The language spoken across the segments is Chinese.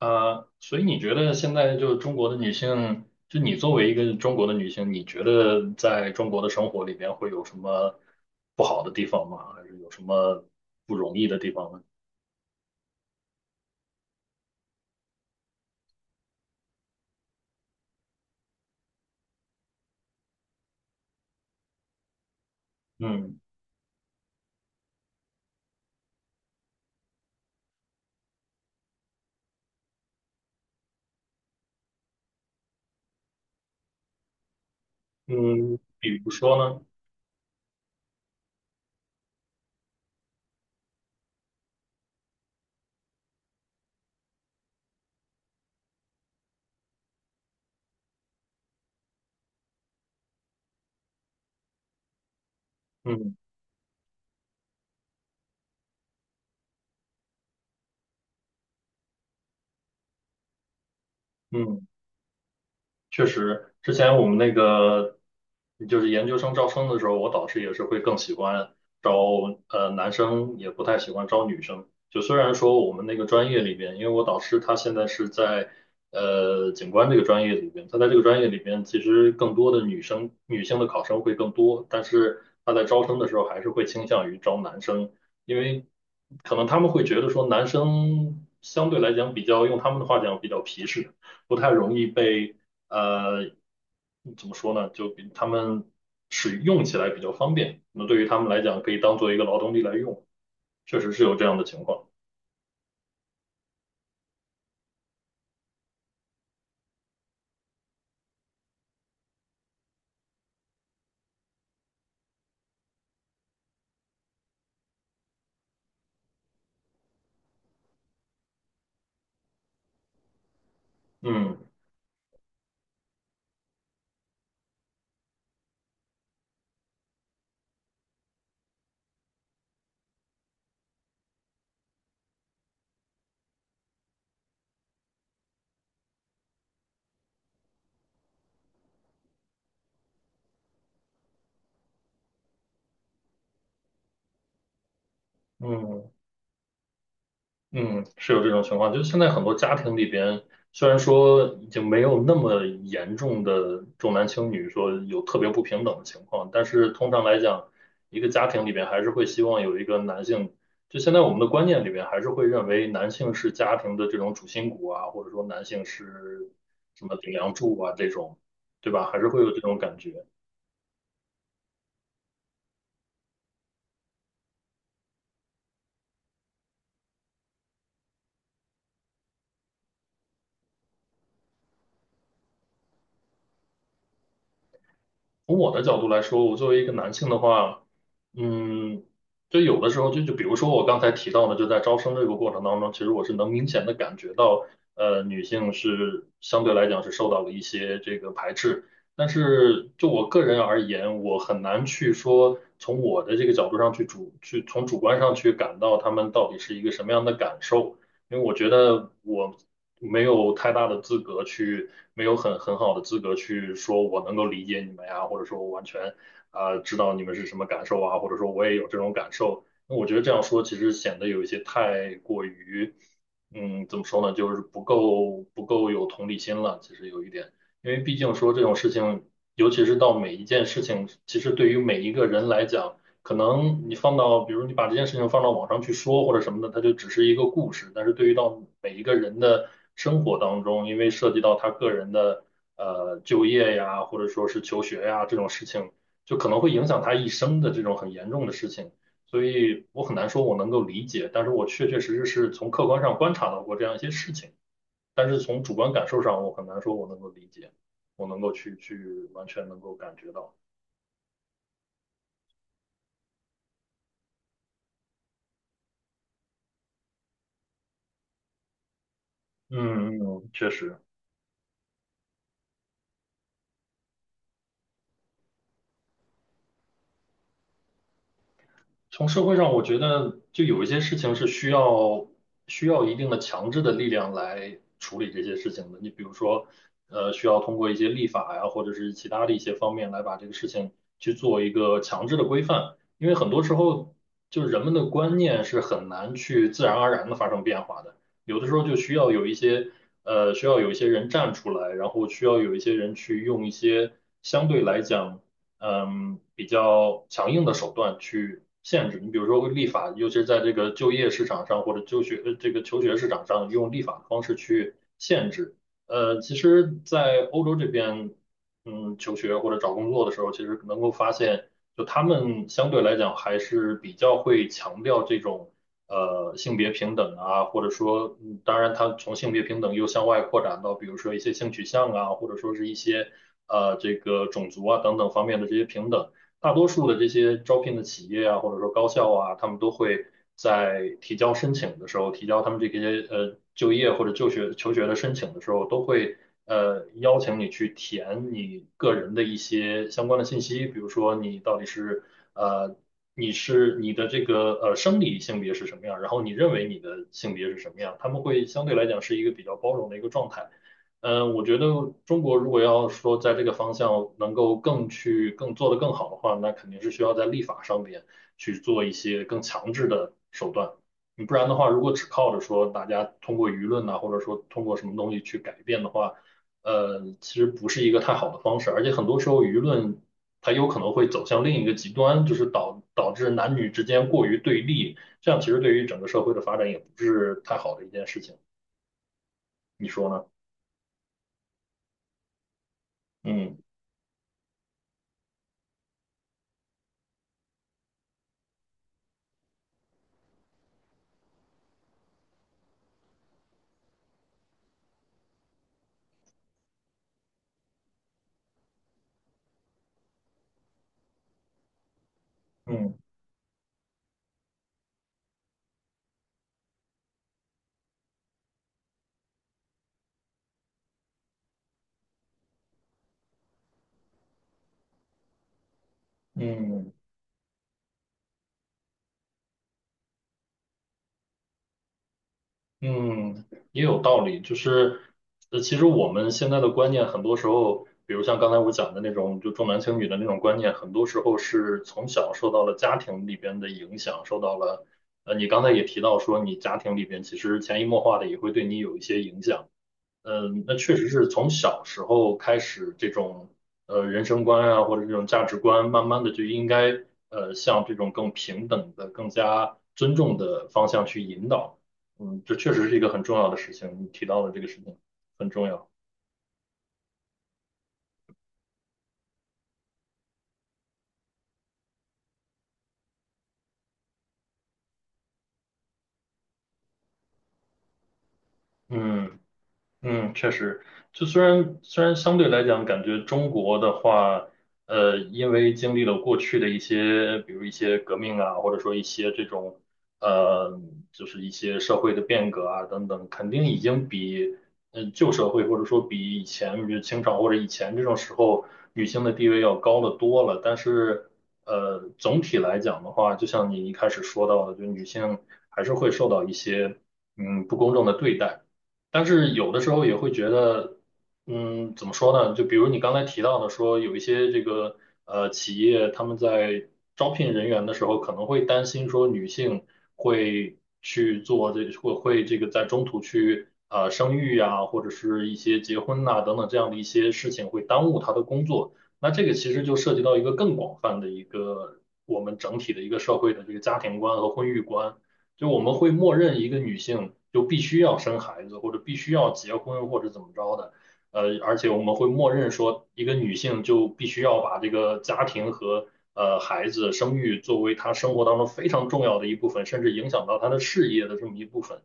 所以你觉得现在就中国的女性，就你作为一个中国的女性，你觉得在中国的生活里面会有什么不好的地方吗？还是有什么不容易的地方呢？嗯嗯，比如说呢？嗯嗯。确实，之前我们那个就是研究生招生的时候，我导师也是会更喜欢招男生，也不太喜欢招女生。就虽然说我们那个专业里边，因为我导师他现在是在景观这个专业里边，他在这个专业里边其实更多的女生女性的考生会更多，但是他在招生的时候还是会倾向于招男生，因为可能他们会觉得说男生相对来讲比较用他们的话讲比较皮实。不太容易被呃，怎么说呢？就比他们使用起来比较方便，那对于他们来讲，可以当做一个劳动力来用，确实是有这样的情况。嗯嗯。嗯，是有这种情况，就是现在很多家庭里边，虽然说已经没有那么严重的重男轻女，说有特别不平等的情况，但是通常来讲，一个家庭里边还是会希望有一个男性，就现在我们的观念里边还是会认为男性是家庭的这种主心骨啊，或者说男性是什么顶梁柱啊这种，对吧？还是会有这种感觉。从我的角度来说，我作为一个男性的话，嗯，就有的时候就比如说我刚才提到的，就在招生这个过程当中，其实我是能明显的感觉到，女性是相对来讲是受到了一些这个排斥。但是就我个人而言，我很难去说从我的这个角度上去从主观上去感到她们到底是一个什么样的感受。因为我觉得我没有太大的资格去，没有很很好的资格去说我能够理解你们呀，或者说我完全啊、知道你们是什么感受啊，或者说我也有这种感受。那我觉得这样说其实显得有一些太过于，嗯，怎么说呢，就是不够有同理心了，其实有一点。因为毕竟说这种事情，尤其是到每一件事情，其实对于每一个人来讲，可能你放到，比如你把这件事情放到网上去说或者什么的，它就只是一个故事。但是对于到每一个人的生活当中，因为涉及到他个人的就业呀，或者说是求学呀这种事情，就可能会影响他一生的这种很严重的事情。所以我很难说我能够理解，但是我确确实实是从客观上观察到过这样一些事情，但是从主观感受上，我很难说我能够理解，我能够去完全能够感觉到。嗯嗯，嗯确实。从社会上，我觉得就有一些事情是需要一定的强制的力量来处理这些事情的。你比如说，需要通过一些立法呀，或者是其他的一些方面来把这个事情去做一个强制的规范。因为很多时候，就是人们的观念是很难去自然而然的发生变化的。有的时候就需要有一些需要有一些人站出来，然后需要有一些人去用一些相对来讲。嗯比较强硬的手段去限制。你比如说立法，尤其是在这个就业市场上或者就学这个求学市场上，用立法的方式去限制。其实，在欧洲这边，嗯，求学或者找工作的时候，其实能够发现，就他们相对来讲还是比较会强调这种性别平等啊，或者说，嗯当然，他从性别平等又向外扩展到，比如说一些性取向啊，或者说是一些这个种族啊等等方面的这些平等。大多数的这些招聘的企业啊，或者说高校啊，他们都会在提交申请的时候，提交他们这些就业或者就学求学的申请的时候，都会邀请你去填你个人的一些相关的信息，比如说你到底是呃你是你的这个生理性别是什么样，然后你认为你的性别是什么样，他们会相对来讲是一个比较包容的一个状态。嗯，我觉得中国如果要说在这个方向能够更去更做得更好的话，那肯定是需要在立法上面去做一些更强制的手段。你不然的话，如果只靠着说大家通过舆论呐、或者说通过什么东西去改变的话，其实不是一个太好的方式。而且很多时候舆论它有可能会走向另一个极端，就是导致男女之间过于对立，这样其实对于整个社会的发展也不是太好的一件事情。你说呢？嗯嗯。嗯嗯，也有道理。就是，其实我们现在的观念，很多时候，比如像刚才我讲的那种，就重男轻女的那种观念，很多时候是从小受到了家庭里边的影响，受到了，你刚才也提到说，你家庭里边其实潜移默化的也会对你有一些影响。嗯，那确实是从小时候开始，这种人生观啊，或者这种价值观，慢慢的就应该向这种更平等的、更加尊重的方向去引导。嗯，这确实是一个很重要的事情，你提到的这个事情很重要。嗯。嗯，确实，就虽然相对来讲，感觉中国的话，因为经历了过去的一些，比如一些革命啊，或者说一些这种，呃，就是一些社会的变革啊等等，肯定已经比旧社会或者说比以前，比如清朝或者以前这种时候，女性的地位要高得多了。但是，总体来讲的话，就像你一开始说到的，就女性还是会受到一些嗯不公正的对待。但是有的时候也会觉得，嗯，怎么说呢？就比如你刚才提到的说，有一些这个企业他们在招聘人员的时候，可能会担心说女性会去做这会会这个在中途去生育啊，或者是一些结婚呐、等等这样的一些事情会耽误她的工作。那这个其实就涉及到一个更广泛的一个我们整体的一个社会的这个家庭观和婚育观。就我们会默认一个女性就必须要生孩子，或者必须要结婚，或者怎么着的。而且我们会默认说，一个女性就必须要把这个家庭和孩子生育作为她生活当中非常重要的一部分，甚至影响到她的事业的这么一部分。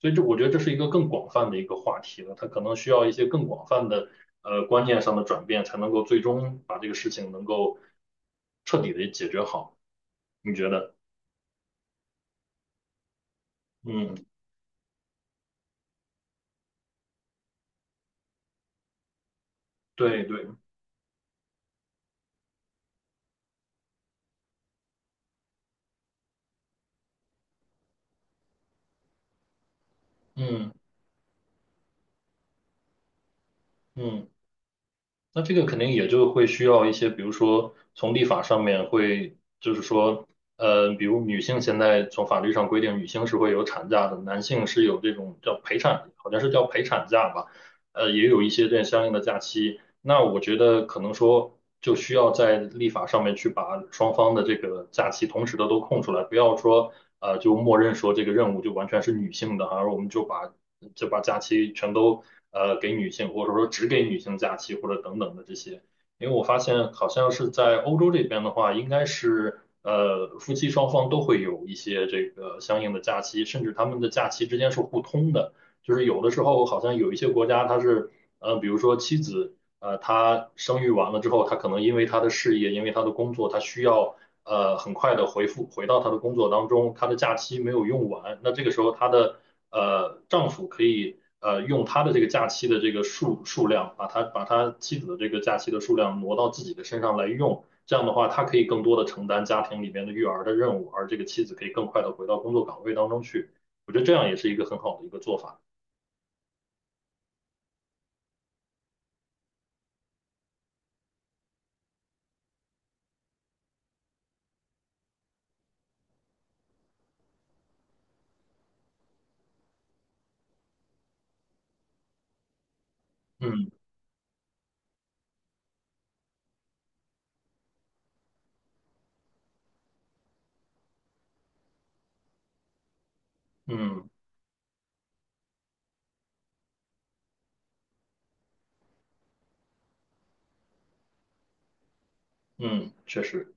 所以我觉得这是一个更广泛的一个话题了，它可能需要一些更广泛的观念上的转变，才能够最终把这个事情能够彻底的解决好。你觉得？嗯，对对，嗯。嗯，那这个肯定也就会需要一些，比如说从立法上面会，就是说，比如女性现在从法律上规定，女性是会有产假的，男性是有这种叫陪产，好像是叫陪产假吧，也有一些这样相应的假期。那我觉得可能说就需要在立法上面去把双方的这个假期同时的都空出来，不要说就默认说这个任务就完全是女性的哈，而我们就把假期全都给女性，或者说只给女性假期，或者等等的这些。因为我发现好像是在欧洲这边的话，应该是夫妻双方都会有一些这个相应的假期，甚至他们的假期之间是互通的，就是有的时候好像有一些国家它是比如说妻子他生育完了之后，他可能因为他的事业，因为他的工作，他需要很快的回到他的工作当中，他的假期没有用完，那这个时候他的丈夫可以用他的这个假期的这个数量，把他妻子的这个假期的数量挪到自己的身上来用，这样的话，他可以更多的承担家庭里面的育儿的任务，而这个妻子可以更快的回到工作岗位当中去，我觉得这样也是一个很好的一个做法。嗯嗯嗯，确实。